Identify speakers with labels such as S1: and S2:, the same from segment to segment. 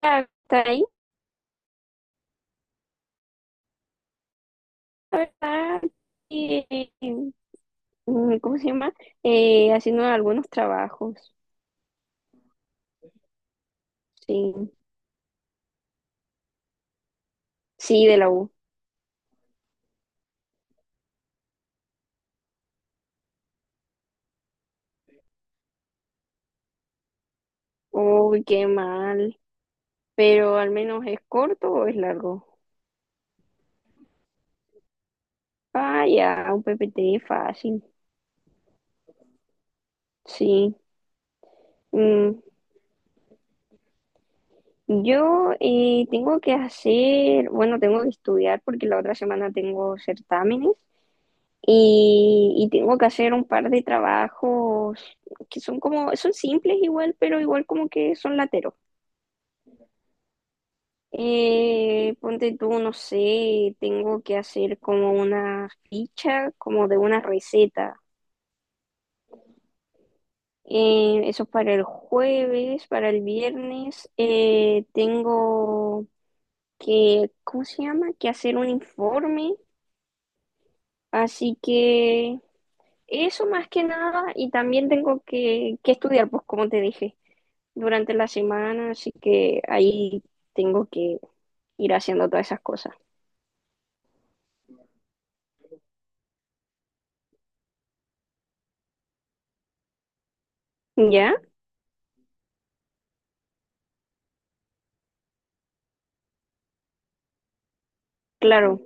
S1: Está ahí, la verdad, y, ¿cómo se llama? Haciendo algunos trabajos, sí, sí, de la U. Uy, qué mal, pero al menos es corto o es largo. Ah, ya, un PPT fácil, sí. Mm, yo tengo que hacer, bueno, tengo que estudiar porque la otra semana tengo certámenes. Y tengo que hacer un par de trabajos que son como, son simples igual, pero igual como que son lateros. Ponte tú, no sé, tengo que hacer como una ficha, como de una receta. Eso es para el jueves, para el viernes. Tengo que, ¿cómo se llama? Que hacer un informe. Así que eso más que nada, y también tengo que estudiar, pues como te dije, durante la semana, así que ahí tengo que ir haciendo todas esas cosas. ¿Ya? Claro,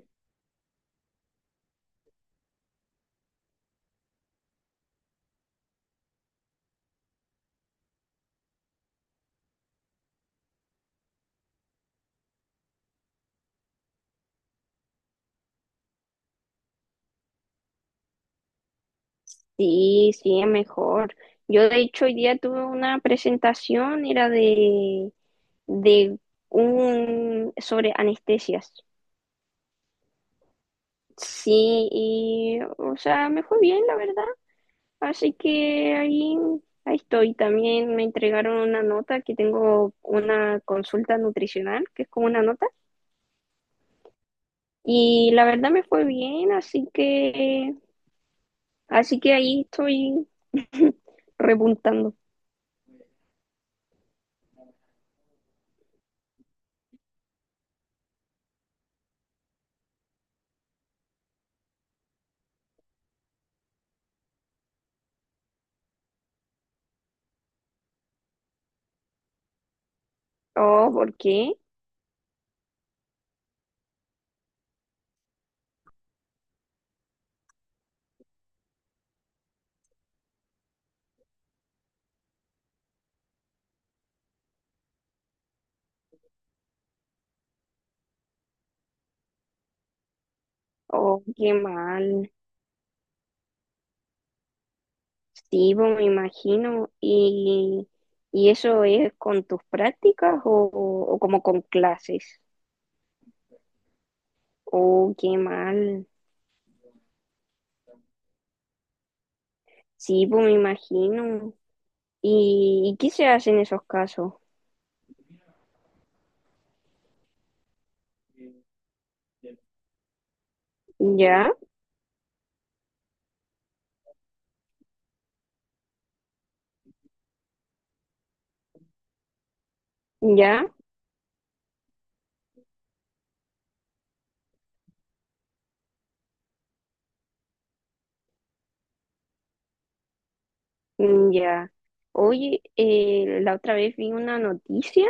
S1: sí, sí, es mejor. Yo de hecho hoy día tuve una presentación, era de sobre anestesias. Sí, y, o sea, me fue bien, la verdad. Así que ahí estoy. También me entregaron una nota que tengo una consulta nutricional, que es como una nota. Y la verdad me fue bien, así que ahí estoy repuntando. Oh, ¿por qué? Oh, qué mal. Sí, pues, me imagino. ¿Y eso es con tus prácticas o como con clases? Oh, qué mal. Sí, pues me imagino. ¿Y qué se hace en esos casos? Ya, ya, ya. Oye, la otra vez vi una noticia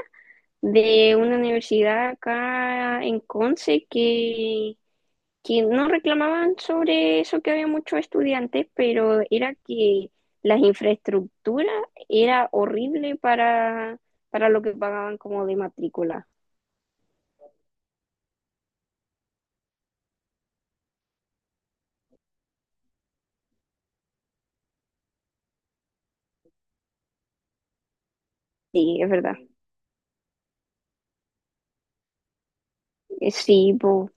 S1: de una universidad acá en Conce que no reclamaban sobre eso que había muchos estudiantes, pero era que las infraestructuras era horrible para lo que pagaban como de matrícula. Sí, es verdad. Sí, pues,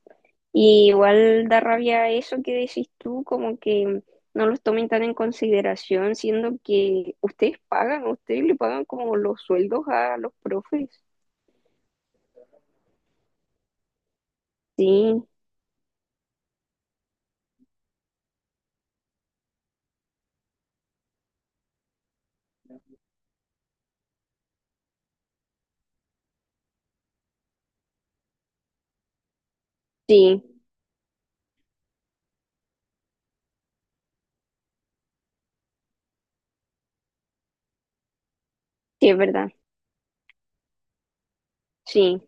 S1: y igual da rabia eso que decís tú, como que no los tomen tan en consideración, siendo que ustedes pagan, ustedes le pagan como los sueldos a los profes. Sí, sí, sí es verdad, sí,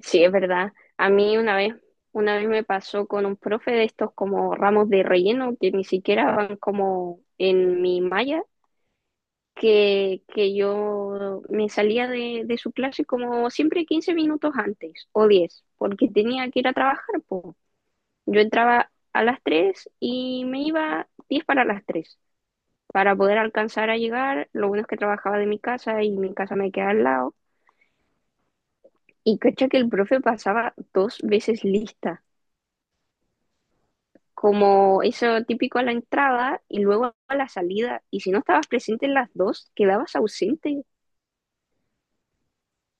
S1: sí es verdad. A mí una vez me pasó con un profe de estos como ramos de relleno que ni siquiera van como en mi malla que yo me salía de su clase como siempre 15 minutos antes o 10 porque tenía que ir a trabajar. Po. Yo entraba a las 3 y me iba 10 para las 3 para poder alcanzar a llegar. Lo bueno es que trabajaba de mi casa y mi casa me queda al lado. Y cacha que el profe pasaba dos veces lista, como eso típico a la entrada y luego a la salida. Y si no estabas presente en las dos, quedabas ausente.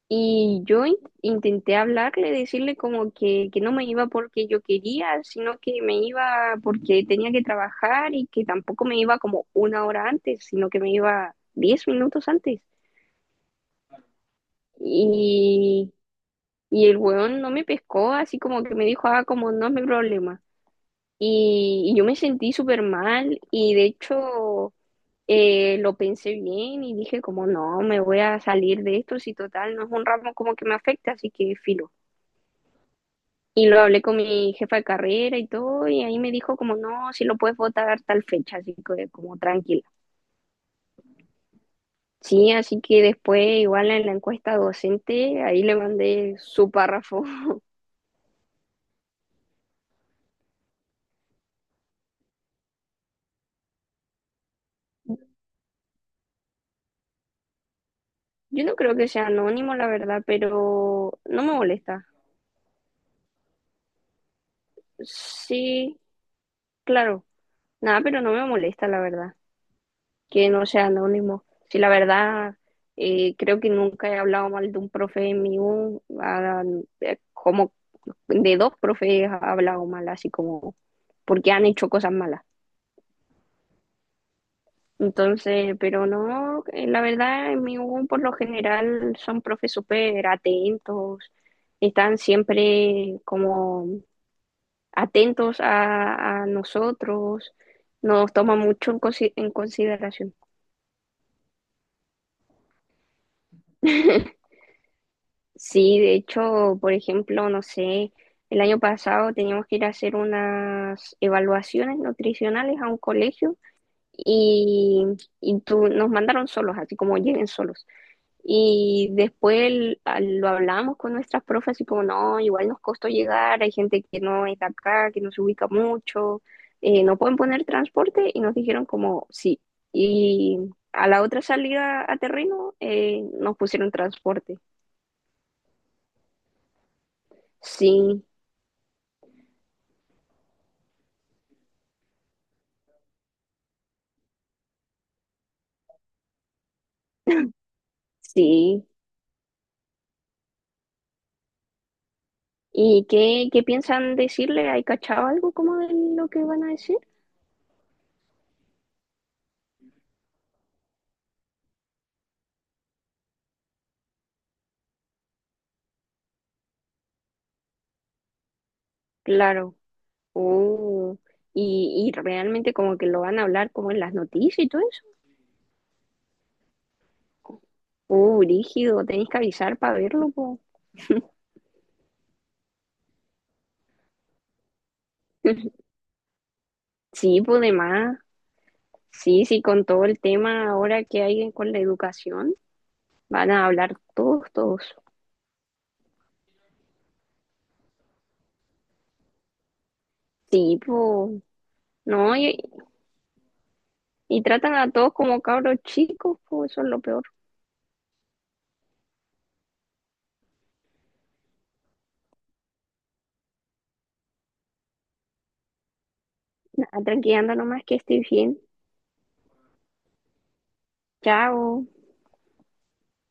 S1: Y yo intenté hablarle, decirle como que no me iba porque yo quería, sino que me iba porque tenía que trabajar y que tampoco me iba como una hora antes, sino que me iba 10 minutos antes. Y, y el weón no me pescó, así como que me dijo, ah, como no es mi problema. Y yo me sentí súper mal y de hecho lo pensé bien y dije como no, me voy a salir de esto, si total no es un ramo como que me afecta, así que filo. Y lo hablé con mi jefa de carrera y todo, y ahí me dijo como, no, si lo puedes votar tal fecha, así que como tranquila. Sí, así que después igual en la encuesta docente, ahí le mandé su párrafo. Yo no creo que sea anónimo, la verdad, pero no me molesta. Sí, claro, nada, pero no me molesta, la verdad, que no sea anónimo. Sí, la verdad, creo que nunca he hablado mal de un profe mío, ah, como de dos profes he hablado mal, así como porque han hecho cosas malas. Entonces, pero no, la verdad, en mi U por lo general son profes súper atentos, están siempre como atentos a nosotros, nos toman mucho en consideración. Sí, de hecho, por ejemplo, no sé, el año pasado teníamos que ir a hacer unas evaluaciones nutricionales a un colegio y, y tú, nos mandaron solos, así como lleguen solos. Y después lo hablamos con nuestras profes, y como, no, igual nos costó llegar, hay gente que no es de acá, que no se ubica mucho, no pueden poner transporte y nos dijeron como, sí. Y a la otra salida a terreno nos pusieron transporte. Sí, sí. ¿Y qué piensan decirle? ¿Hay cachado algo como de lo que van a decir? Claro. Oh. Y realmente como que lo van a hablar como en las noticias y todo eso. Brígido, tenéis que avisar para verlo, po. Sí, pues de más. Sí, sí, con todo el tema ahora que hay con la educación, van a hablar todos, todos. Sí, pues, no, y tratan a todos como cabros chicos, pues eso es lo peor. Nada, tranqui, anda nomás que estoy bien. Chao.